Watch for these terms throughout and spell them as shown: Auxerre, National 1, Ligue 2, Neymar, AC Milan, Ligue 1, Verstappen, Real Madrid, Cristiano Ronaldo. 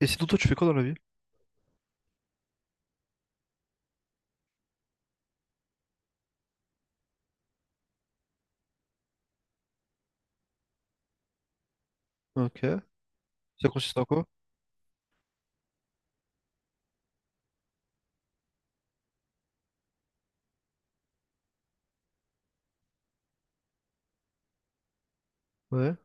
Et sinon, toi, tu fais quoi dans la vie? Ok. Ça consiste en quoi? Ouais.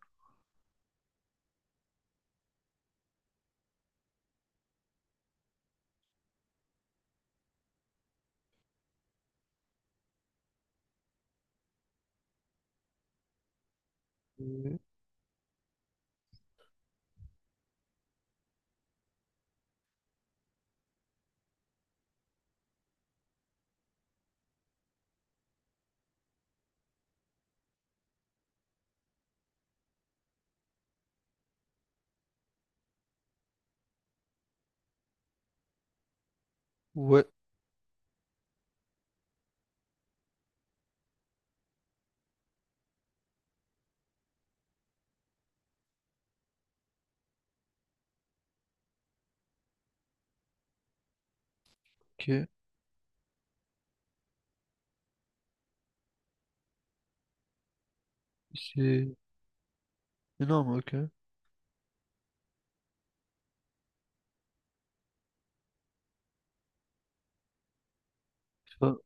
Euh, Ouais. Ok. C'est énorme, ok. Enfin,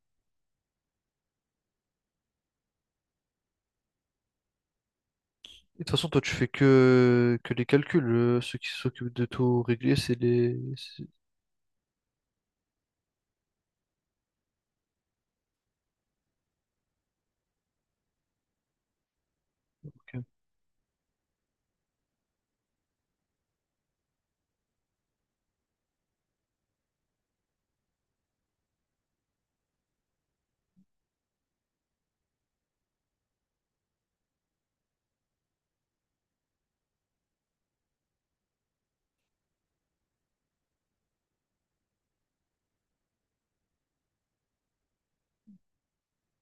et de toute façon, toi, tu fais que les calculs. Ceux qui s'occupent de tout régler, c'est Ok.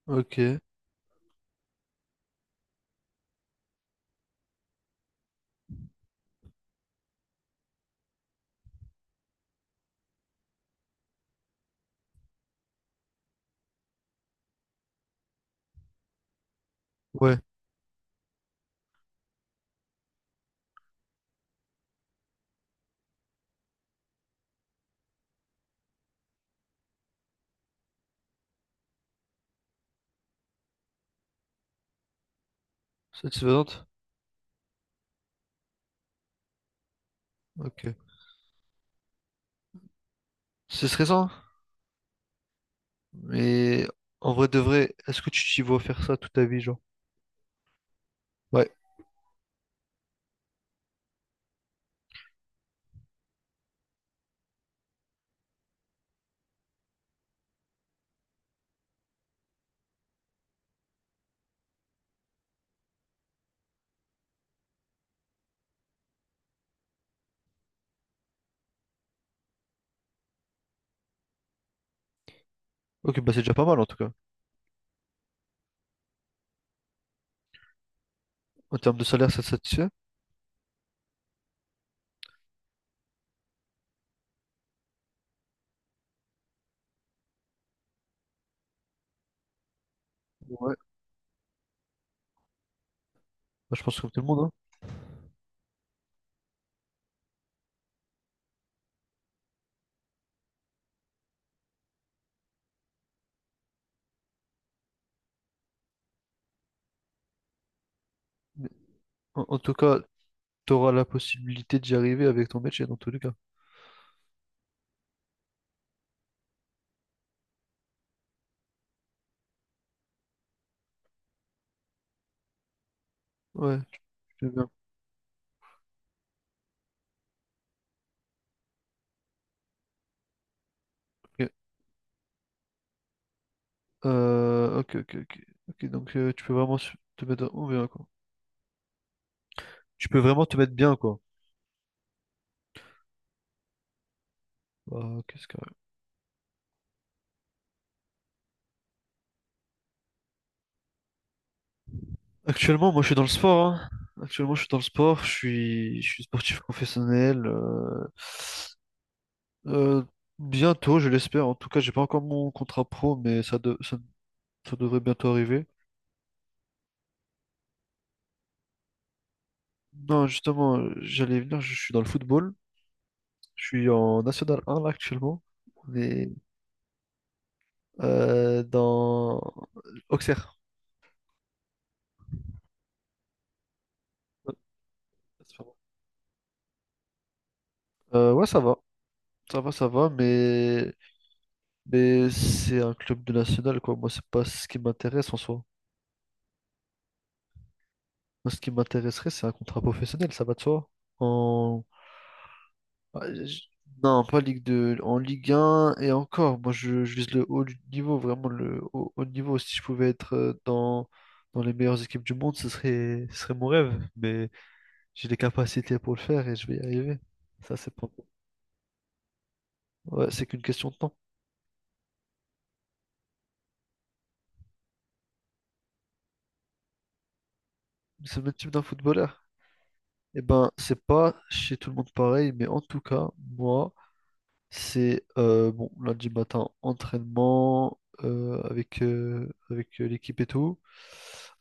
Ok. Ouais. Satisfaisante? Ok. C'est stressant, mais en vrai de vrai, est-ce que tu t'y vois faire ça toute ta vie, genre? Ouais. Ok, bah c'est déjà pas mal en tout cas. En termes de salaire, ça te satisfait? Ouais. Bah, je pense comme tout le monde, hein. Mais en, en tout cas, tu auras la possibilité d'y arriver avec ton métier dans tous les cas. Ouais, je veux bien. Ok, ok, ok, ok. Ok, donc tu peux vraiment te mettre oh, bien, quoi. Tu peux vraiment te mettre bien, quoi. Bah, qu'est-ce que... Actuellement, moi, je suis dans le sport, hein. Actuellement, je suis dans le sport. Je suis sportif professionnel. Euh, Bientôt, je l'espère. En tout cas, j'ai pas encore mon contrat pro, mais ça devrait bientôt arriver. Non, justement, j'allais venir. Je suis dans le football. Je suis en National 1 là actuellement. On est dans Auxerre. Ouais, ça va, ça va, ça va, mais, mais c'est un club de national, quoi. Moi, c'est pas ce qui m'intéresse en soi. Moi, ce qui m'intéresserait, c'est un contrat professionnel, ça va de soi. En... Ah, je- Non, pas Ligue 2, en Ligue 1 et encore. Moi, je vise le haut du niveau, vraiment le haut niveau. Si je pouvais être dans les meilleures équipes du monde, ce serait mon rêve, mais j'ai les capacités pour le faire et je vais y arriver. Ça, c'est pas... Ouais, c'est qu'une question de temps. C'est le même type d'un footballeur. Eh ben, c'est pas chez tout le monde pareil, mais en tout cas, moi, c'est bon, lundi matin, entraînement avec l'équipe et tout.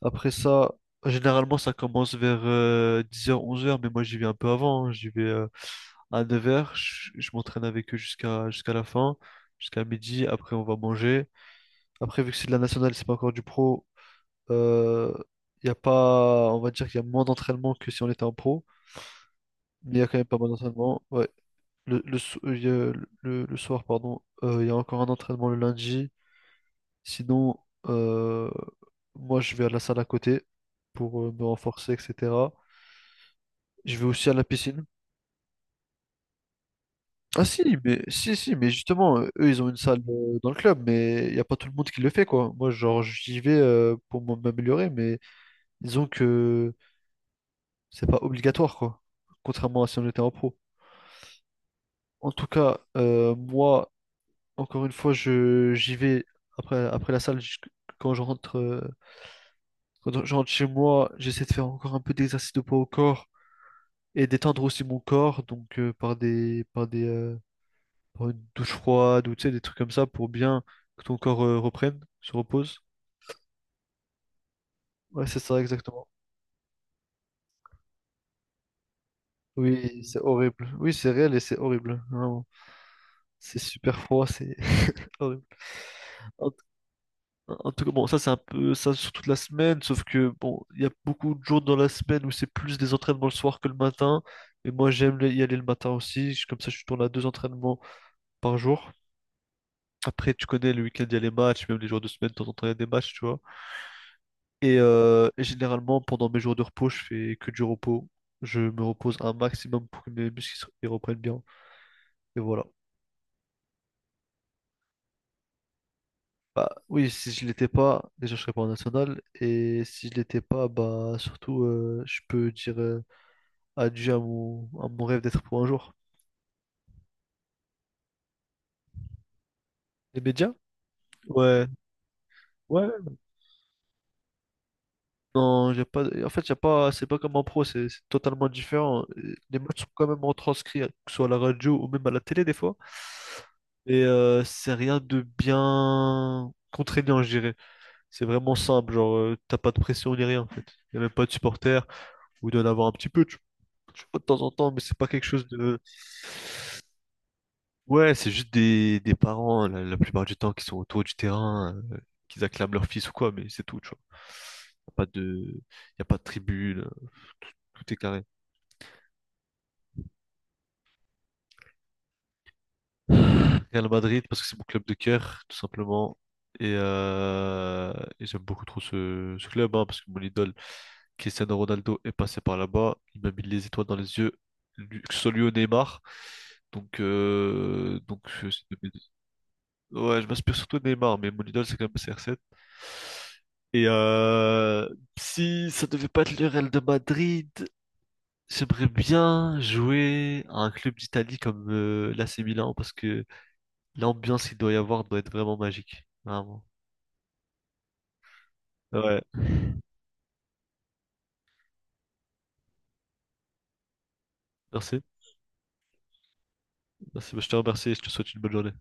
Après ça, généralement, ça commence vers dix heures onze heures, mais moi, j'y vais un peu avant, hein. J'y vais à 9 heures, je m'entraîne avec eux jusqu'à la fin, jusqu'à midi. Après, on va manger. Après, vu que c'est de la nationale, c'est pas encore du pro, il y a pas, on va dire qu'il y a moins d'entraînement que si on était en pro. Mais il y a quand même pas mal d'entraînements. Ouais. Il y a le soir, pardon, il y a encore un entraînement le lundi. Sinon, euh, moi, je vais à la salle à côté pour me renforcer, etc. Je vais aussi à la piscine. Ah si, mais si, si, mais justement, eux, ils ont une salle dans le club, mais il n'y a pas tout le monde qui le fait, quoi. Moi, genre, j'y vais pour m'améliorer, mais disons que c'est pas obligatoire, quoi. Contrairement à si on était en pro. En tout cas, moi, encore une fois, je j'y vais après, après la salle. Quand je rentre, quand je rentre chez moi, j'essaie de faire encore un peu d'exercice de poids au corps et d'étendre aussi mon corps, donc par des par une douche froide ou tu sais, des trucs comme ça pour bien que ton corps reprenne, se repose. Ouais, c'est ça exactement. Oui, c'est horrible. Oui, c'est réel et c'est horrible. Vraiment. C'est super froid, c'est horrible. En en tout cas, bon, ça c'est un peu ça sur toute la semaine, sauf que bon, il y a beaucoup de jours dans la semaine où c'est plus des entraînements le soir que le matin. Et moi j'aime y aller le matin aussi, comme ça je tourne à deux entraînements par jour. Après, tu connais, le week-end, il y a les matchs, même les jours de semaine, de temps en temps, il y a des matchs, tu vois. Et généralement, pendant mes jours de repos, je fais que du repos. Je me repose un maximum pour que mes ils reprennent bien. Et voilà. Bah, oui, si je l'étais pas, déjà je serais pas en national. Et si je l'étais pas, bah surtout, je peux dire adieu à à mon rêve d'être pro un jour. Les médias? Ouais, ouais. Non, j'ai pas. En fait, y a pas. C'est pas comme en pro, c'est totalement différent. Les matchs sont quand même retranscrits, hein, que ce soit à la radio ou même à la télé des fois. Et c'est rien de bien contraignant, je dirais. C'est vraiment simple, genre t'as pas de pression ni rien en fait. Y a même pas de supporters, ou d'en avoir un petit peu, tu vois, de temps en temps, mais c'est pas quelque chose de... Ouais, c'est juste des parents, la plupart du temps, qui sont autour du terrain, qu'ils acclament leur fils ou quoi, mais c'est tout, tu vois. Y a pas de, Y a pas de tribune, tout est carré. Real Madrid, parce que c'est mon club de cœur, tout simplement. Et, euh, et j'aime beaucoup trop ce club, hein, parce que mon idole, Cristiano Ronaldo, est passé par là-bas. Il m'a mis les étoiles dans les yeux, que ce soit lui ou Neymar. Donc c'est de mes... Ouais, je m'inspire surtout de Neymar, mais mon idole, c'est quand même CR7. Et si ça devait pas être le Real de Madrid, j'aimerais bien jouer à un club d'Italie comme l'AC Milan parce que l'ambiance qu'il doit y avoir doit être vraiment magique. Vraiment. Ouais. Merci. Merci. Bah, je te remercie et je te souhaite une bonne journée.